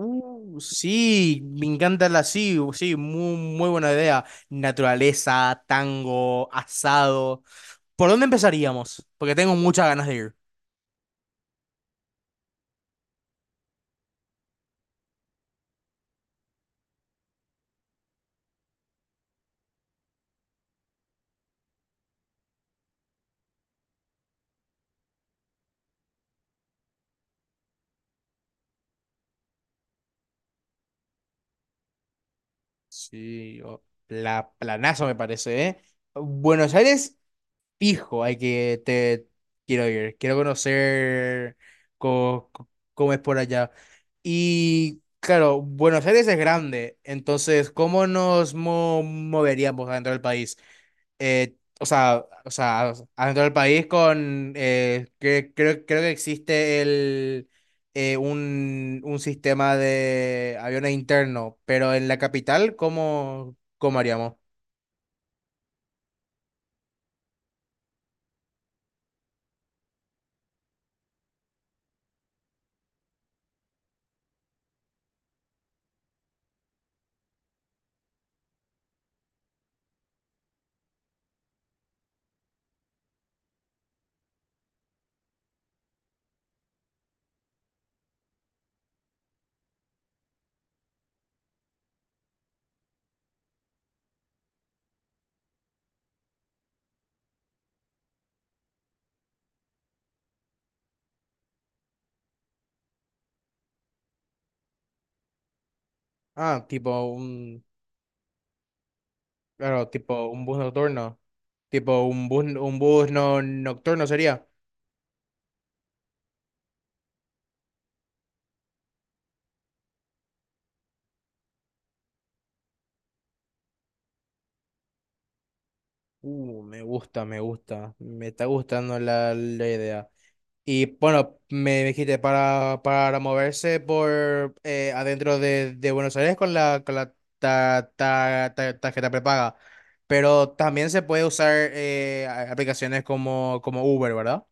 Sí, me encanta la sí, u- sí, muy buena idea. Naturaleza, tango, asado. ¿Por dónde empezaríamos? Porque tengo muchas ganas de ir. Sí, o- la planazo me parece, ¿eh? Buenos Aires, fijo, hay que te quiero ir, quiero conocer cómo es por allá. Y claro, Buenos Aires es grande, entonces, ¿cómo nos moveríamos dentro del país? O sea, adentro del país con, creo que existe un sistema de aviones interno, pero en la capital, cómo haríamos? Ah, tipo un, claro, Tipo un bus nocturno, tipo un bus no, nocturno sería. Me gusta me está gustando la idea. Y bueno, me dijiste para moverse por adentro de Buenos Aires con con la tarjeta prepaga. Pero también se puede usar aplicaciones como Uber, ¿verdad?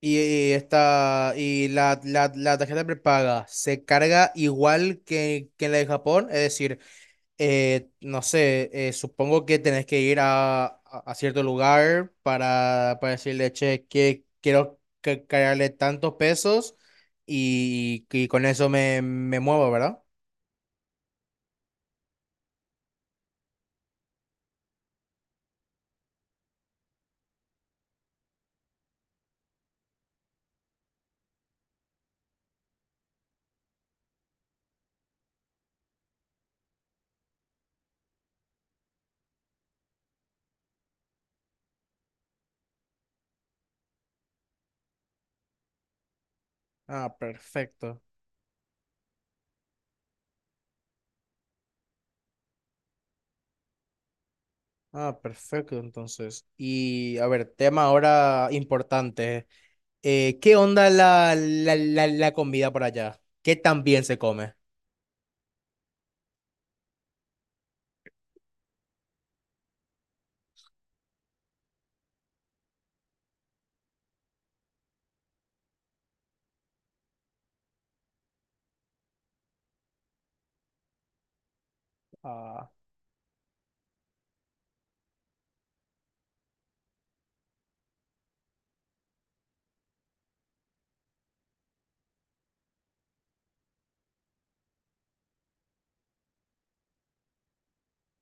Y esta, y La tarjeta prepaga se carga igual que la de Japón, es decir, no sé, supongo que tenés que ir a cierto lugar para decirle, che, que quiero cargarle tantos pesos y con eso me muevo, ¿verdad? Ah, perfecto. Ah, perfecto, entonces. Y a ver, tema ahora importante. ¿Qué onda la comida por allá? ¿Qué tan bien se come?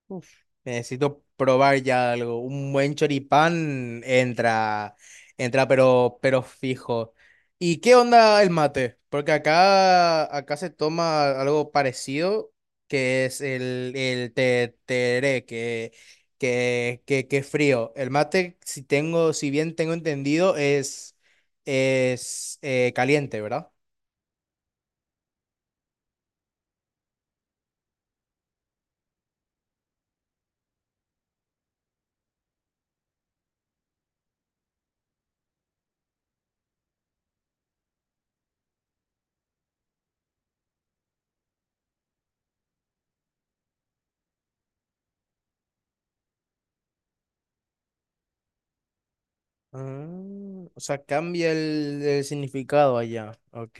Uf, necesito probar ya algo. Un buen choripán entra, pero fijo. ¿Y qué onda el mate? Porque acá, acá se toma algo parecido, que es el tereré, que es frío. El mate, si tengo, si bien tengo entendido, es caliente, ¿verdad? Ah, o sea, cambia el significado allá. Ok,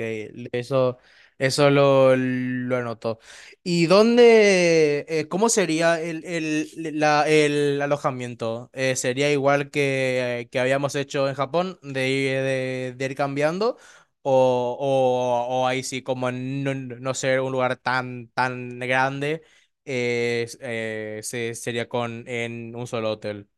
eso, eso lo anotó. ¿Y cómo sería el alojamiento? ¿Sería igual que habíamos hecho en Japón, de, de ir cambiando? ¿O, o ahí sí, como no ser un lugar tan, tan grande, sería con, en un solo hotel?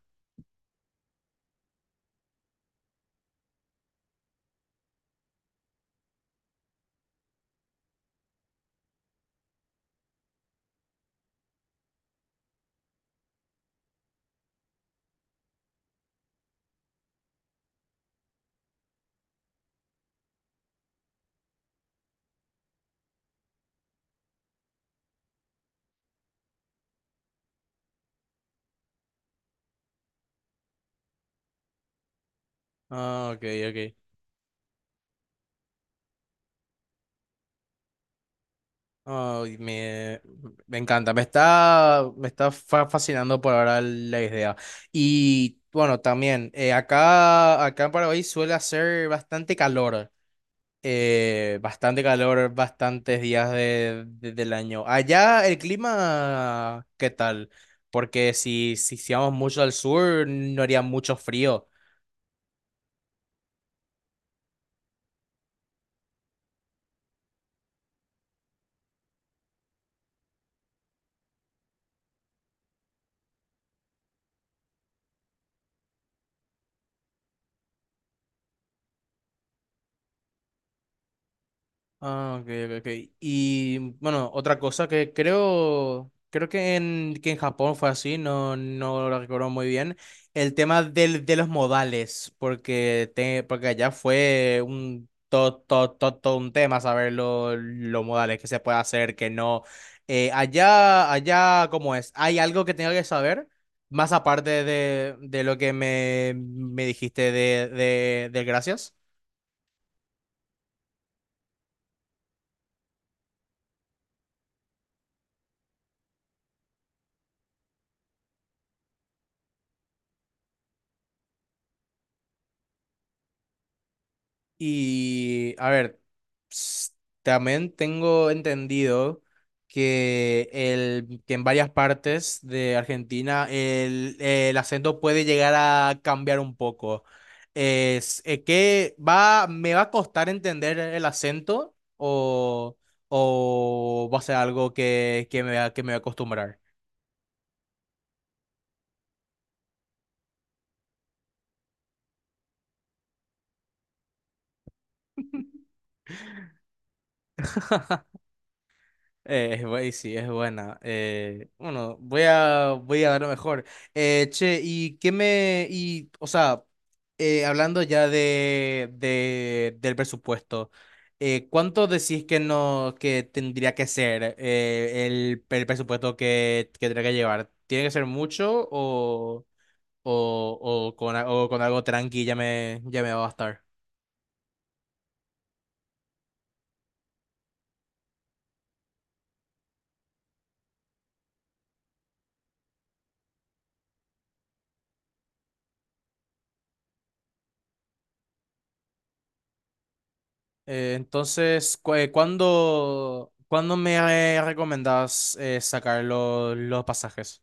Ah, ok, ok. Ay, me, Me encanta, me está fascinando por ahora la idea. Y bueno, también acá, acá en Paraguay suele hacer bastante calor, bastantes días del año. Allá el clima, ¿qué tal? Porque si vamos mucho al sur, no haría mucho frío. Ah, ok, ok, ok. Y bueno, otra cosa que creo que que en Japón fue así, no, no lo recuerdo muy bien, el tema de los modales, porque, porque allá fue un, todo un tema saber los modales, que se puede hacer, que no. Allá, ¿cómo es? ¿Hay algo que tenga que saber? Más aparte de lo que me dijiste del gracias. Y a ver, s- también tengo entendido que, que en varias partes de Argentina el acento puede llegar a cambiar un poco. Es, que va, me va a costar entender el acento o va a ser algo que me voy a acostumbrar. Sí, es buena. Bueno, Voy a, voy a dar lo mejor. Che, ¿y qué me... O sea, hablando ya del presupuesto, ¿cuánto decís que no, que tendría que ser el presupuesto que tendría que llevar? ¿Tiene que ser mucho o, con, o con algo tranqui ya me va a bastar? ¿Cuándo, cuándo me recomendás sacar los pasajes?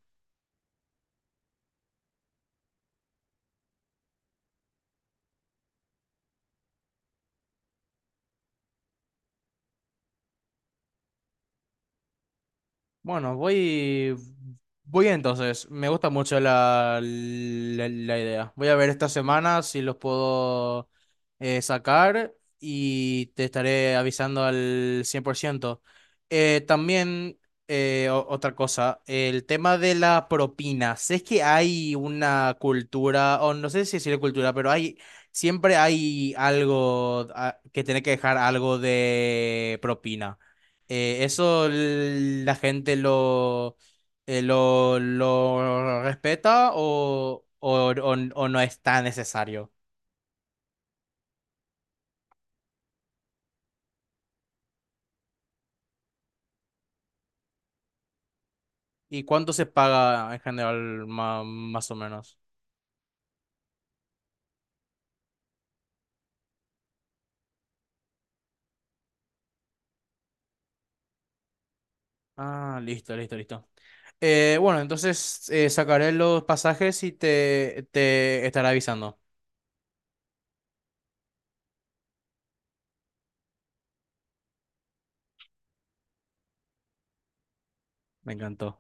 Bueno, voy, Voy entonces. Me gusta mucho la idea. Voy a ver esta semana si los puedo sacar y te estaré avisando al 100%. Eh, también, Otra cosa, el tema de la propina. Sé que hay una cultura, o no sé si decir cultura, pero hay, siempre hay algo que tiene que dejar algo de propina. Eso la gente lo respeta o no es tan necesario. ¿Y cuánto se paga en general más o menos? Ah, listo, listo, listo. Bueno, entonces sacaré los pasajes y te estaré avisando. Me encantó.